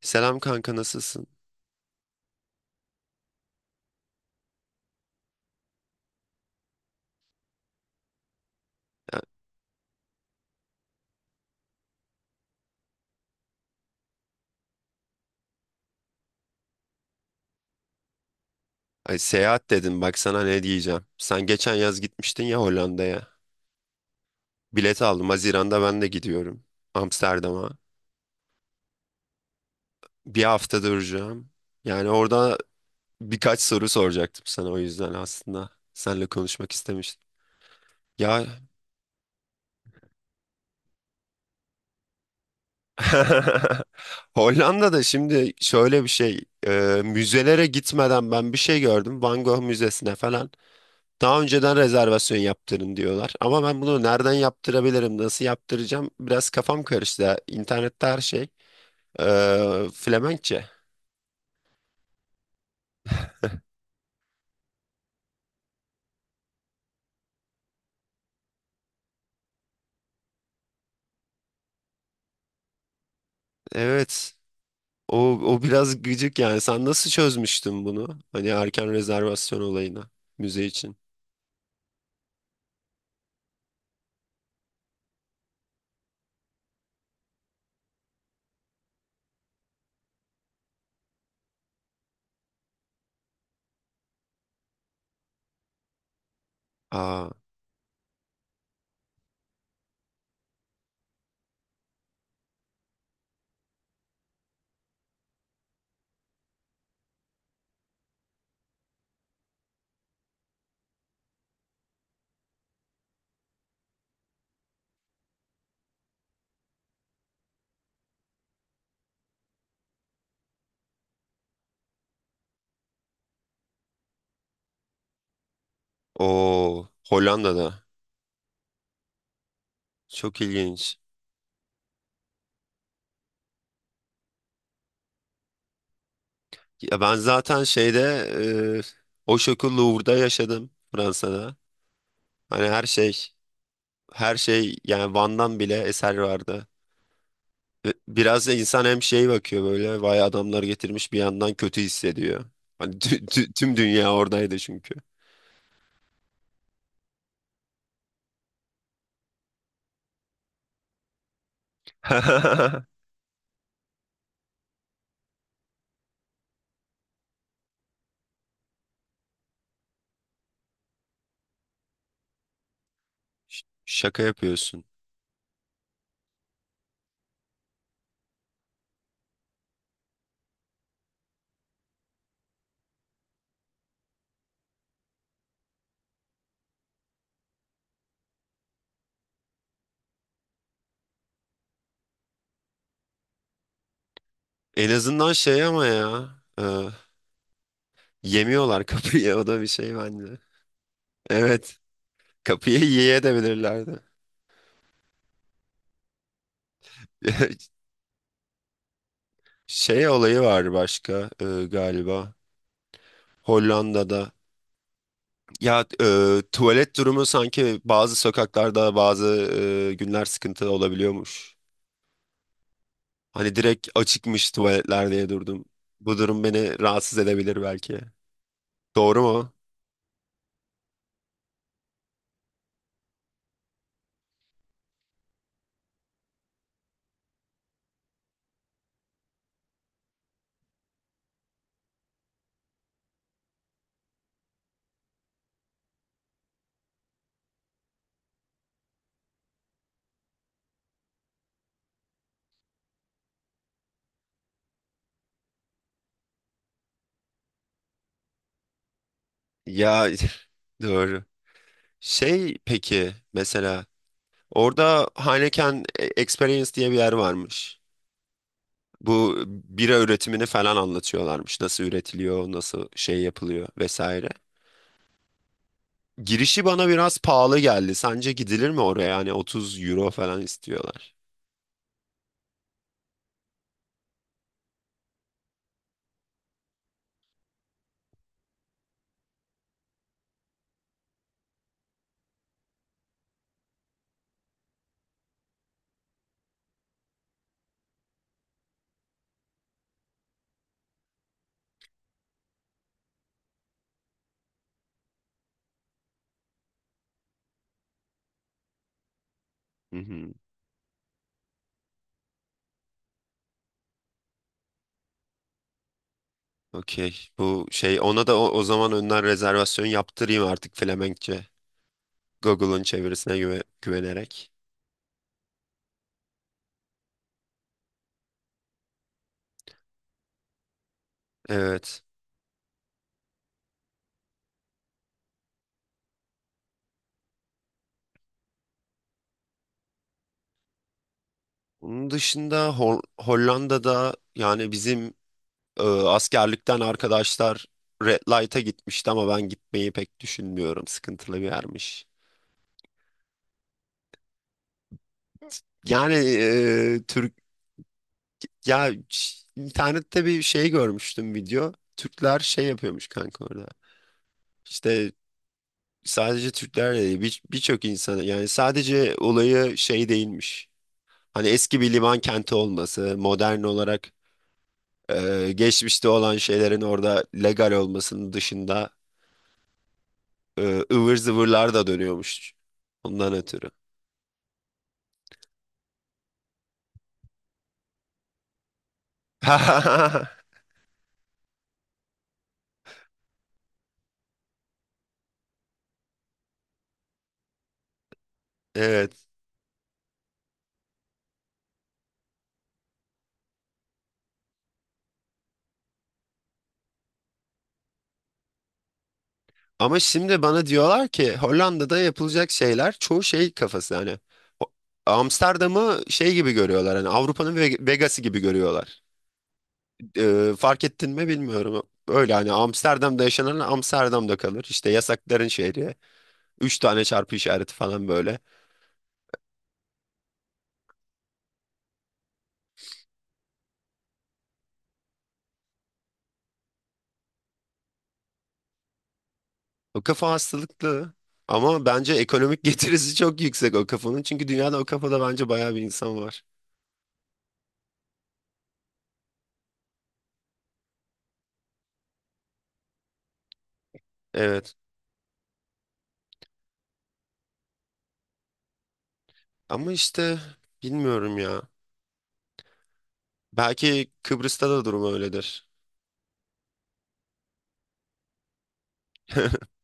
Selam kanka, nasılsın? Ya, ay, seyahat dedim bak sana ne diyeceğim. Sen geçen yaz gitmiştin ya Hollanda'ya. Bilet aldım. Haziran'da ben de gidiyorum. Amsterdam'a. Bir hafta duracağım. Yani orada birkaç soru soracaktım sana o yüzden aslında. Seninle konuşmak istemiştim. Ya Hollanda'da şimdi şöyle bir şey. Müzelere gitmeden ben bir şey gördüm. Van Gogh Müzesi'ne falan. Daha önceden rezervasyon yaptırın diyorlar. Ama ben bunu nereden yaptırabilirim, nasıl yaptıracağım? Biraz kafam karıştı. Ya. İnternette her şey Flemenkçe. Evet. O biraz gıcık yani. Sen nasıl çözmüştün bunu? Hani erken rezervasyon olayını müze için. Aa, o Hollanda'da. Çok ilginç. Ya ben zaten şeyde eee o şoku Louvre'da yaşadım Fransa'da. Hani her şey yani Van'dan bile eser vardı. Ve biraz da insan hem şey bakıyor böyle vay adamlar getirmiş, bir yandan kötü hissediyor. Hani tüm dünya oradaydı çünkü. Şaka yapıyorsun. En azından şey ama ya e, yemiyorlar kapıyı o da bir şey bence. Evet, kapıyı yiyebilirlerdi. Şey olayı var başka galiba Hollanda'da. Ya tuvalet durumu sanki bazı sokaklarda bazı günler sıkıntı olabiliyormuş. Hani direkt açıkmış tuvaletler diye durdum. Bu durum beni rahatsız edebilir belki. Doğru mu? Ya doğru. Şey peki mesela orada Heineken Experience diye bir yer varmış. Bu bira üretimini falan anlatıyorlarmış. Nasıl üretiliyor, nasıl şey yapılıyor vesaire. Girişi bana biraz pahalı geldi. Sence gidilir mi oraya? Yani 30 euro falan istiyorlar. Hı hı. Okey. Bu şey ona da o zaman önden rezervasyon yaptırayım artık Flemenkçe. Google'ın çevirisine güvenerek. Evet. Bunun dışında Hollanda'da yani bizim askerlikten arkadaşlar Red Light'a gitmişti ama ben gitmeyi pek düşünmüyorum. Sıkıntılı bir yermiş. Yani Türk ya internette bir şey görmüştüm, video. Türkler şey yapıyormuş kanka orada. İşte sadece Türkler de değil birçok insanı, yani sadece olayı şey değilmiş. Hani eski bir liman kenti olması, modern olarak geçmişte olan şeylerin orada legal olmasının dışında ıvır zıvırlar da dönüyormuş. Ondan ötürü. Evet. Ama şimdi bana diyorlar ki Hollanda'da yapılacak şeyler çoğu şey kafası, hani Ho- Amsterdam'ı şey gibi görüyorlar, hani Avrupa'nın Vegas'ı gibi görüyorlar. Fark ettin mi bilmiyorum. Öyle hani Amsterdam'da yaşanan Amsterdam'da kalır. İşte yasakların şehri. Üç tane çarpı işareti falan böyle. O kafa hastalıklı. Ama bence ekonomik getirisi çok yüksek o kafanın. Çünkü dünyada o kafada bence bayağı bir insan var. Evet. Ama işte bilmiyorum ya. Belki Kıbrıs'ta da durum öyledir.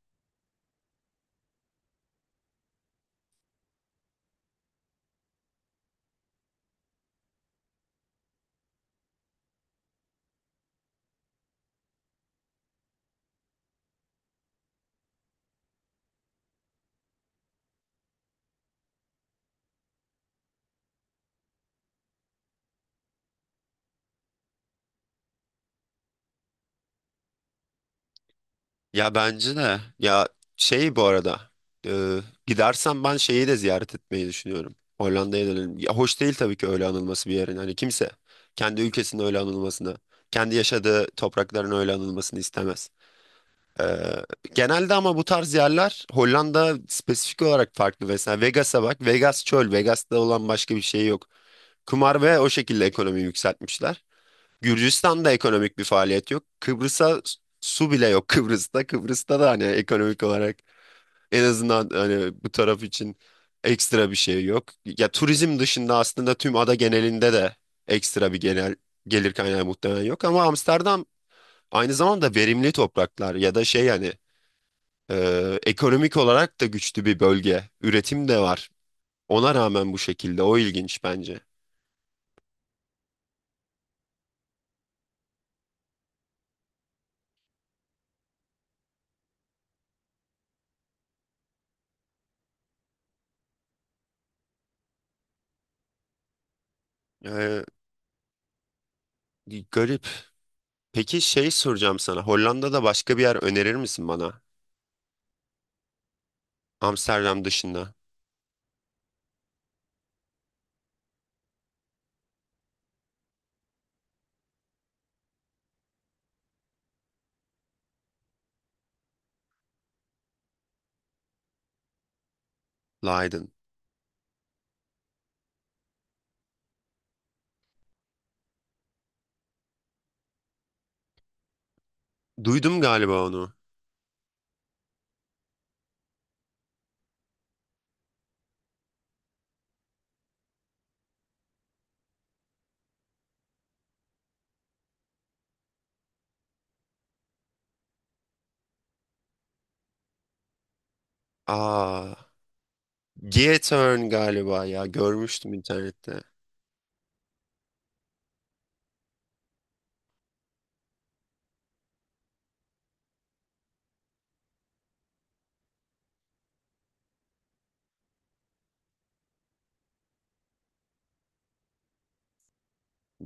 Ya bence de. Ya şey, bu arada. E, Gidersem ben şeyi de ziyaret etmeyi düşünüyorum. Hollanda'ya dönelim. Ya hoş değil tabii ki öyle anılması bir yerin. Hani kimse kendi ülkesinin öyle anılmasını, kendi yaşadığı toprakların öyle anılmasını istemez. E, Genelde ama bu tarz yerler, Hollanda spesifik olarak farklı. Mesela Vegas'a bak. Vegas çöl. Vegas'ta olan başka bir şey yok. Kumar ve o şekilde ekonomi yükseltmişler. Gürcistan'da ekonomik bir faaliyet yok. Kıbrıs'a su bile yok Kıbrıs'ta. Kıbrıs'ta da hani ekonomik olarak, en azından hani bu taraf için ekstra bir şey yok. Ya turizm dışında aslında tüm ada genelinde de ekstra bir genel gelir kaynağı muhtemelen yok. Ama Amsterdam aynı zamanda verimli topraklar ya da şey, hani ekonomik olarak da güçlü bir bölge. Üretim de var. Ona rağmen bu şekilde, o ilginç bence. Ee, Garip. Peki şey soracağım sana. Hollanda'da başka bir yer önerir misin bana? Amsterdam dışında. Leiden. Duydum galiba onu. Aa, Giethoorn galiba ya. Görmüştüm internette.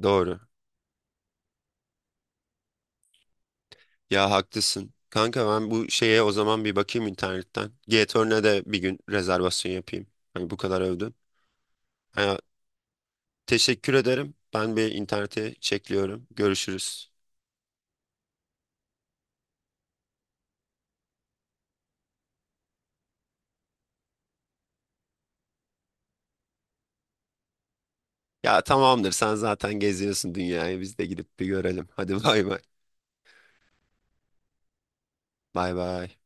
Doğru. Ya haklısın. Kanka ben bu şeye o zaman bir bakayım internetten. G-Torne'e de bir gün rezervasyon yapayım. Hani bu kadar övdün. Ha, teşekkür ederim. Ben bir internete çekliyorum. Görüşürüz. Ya tamamdır, sen zaten geziyorsun dünyayı. Biz de gidip bir görelim. Hadi, bay bay. Bay bay.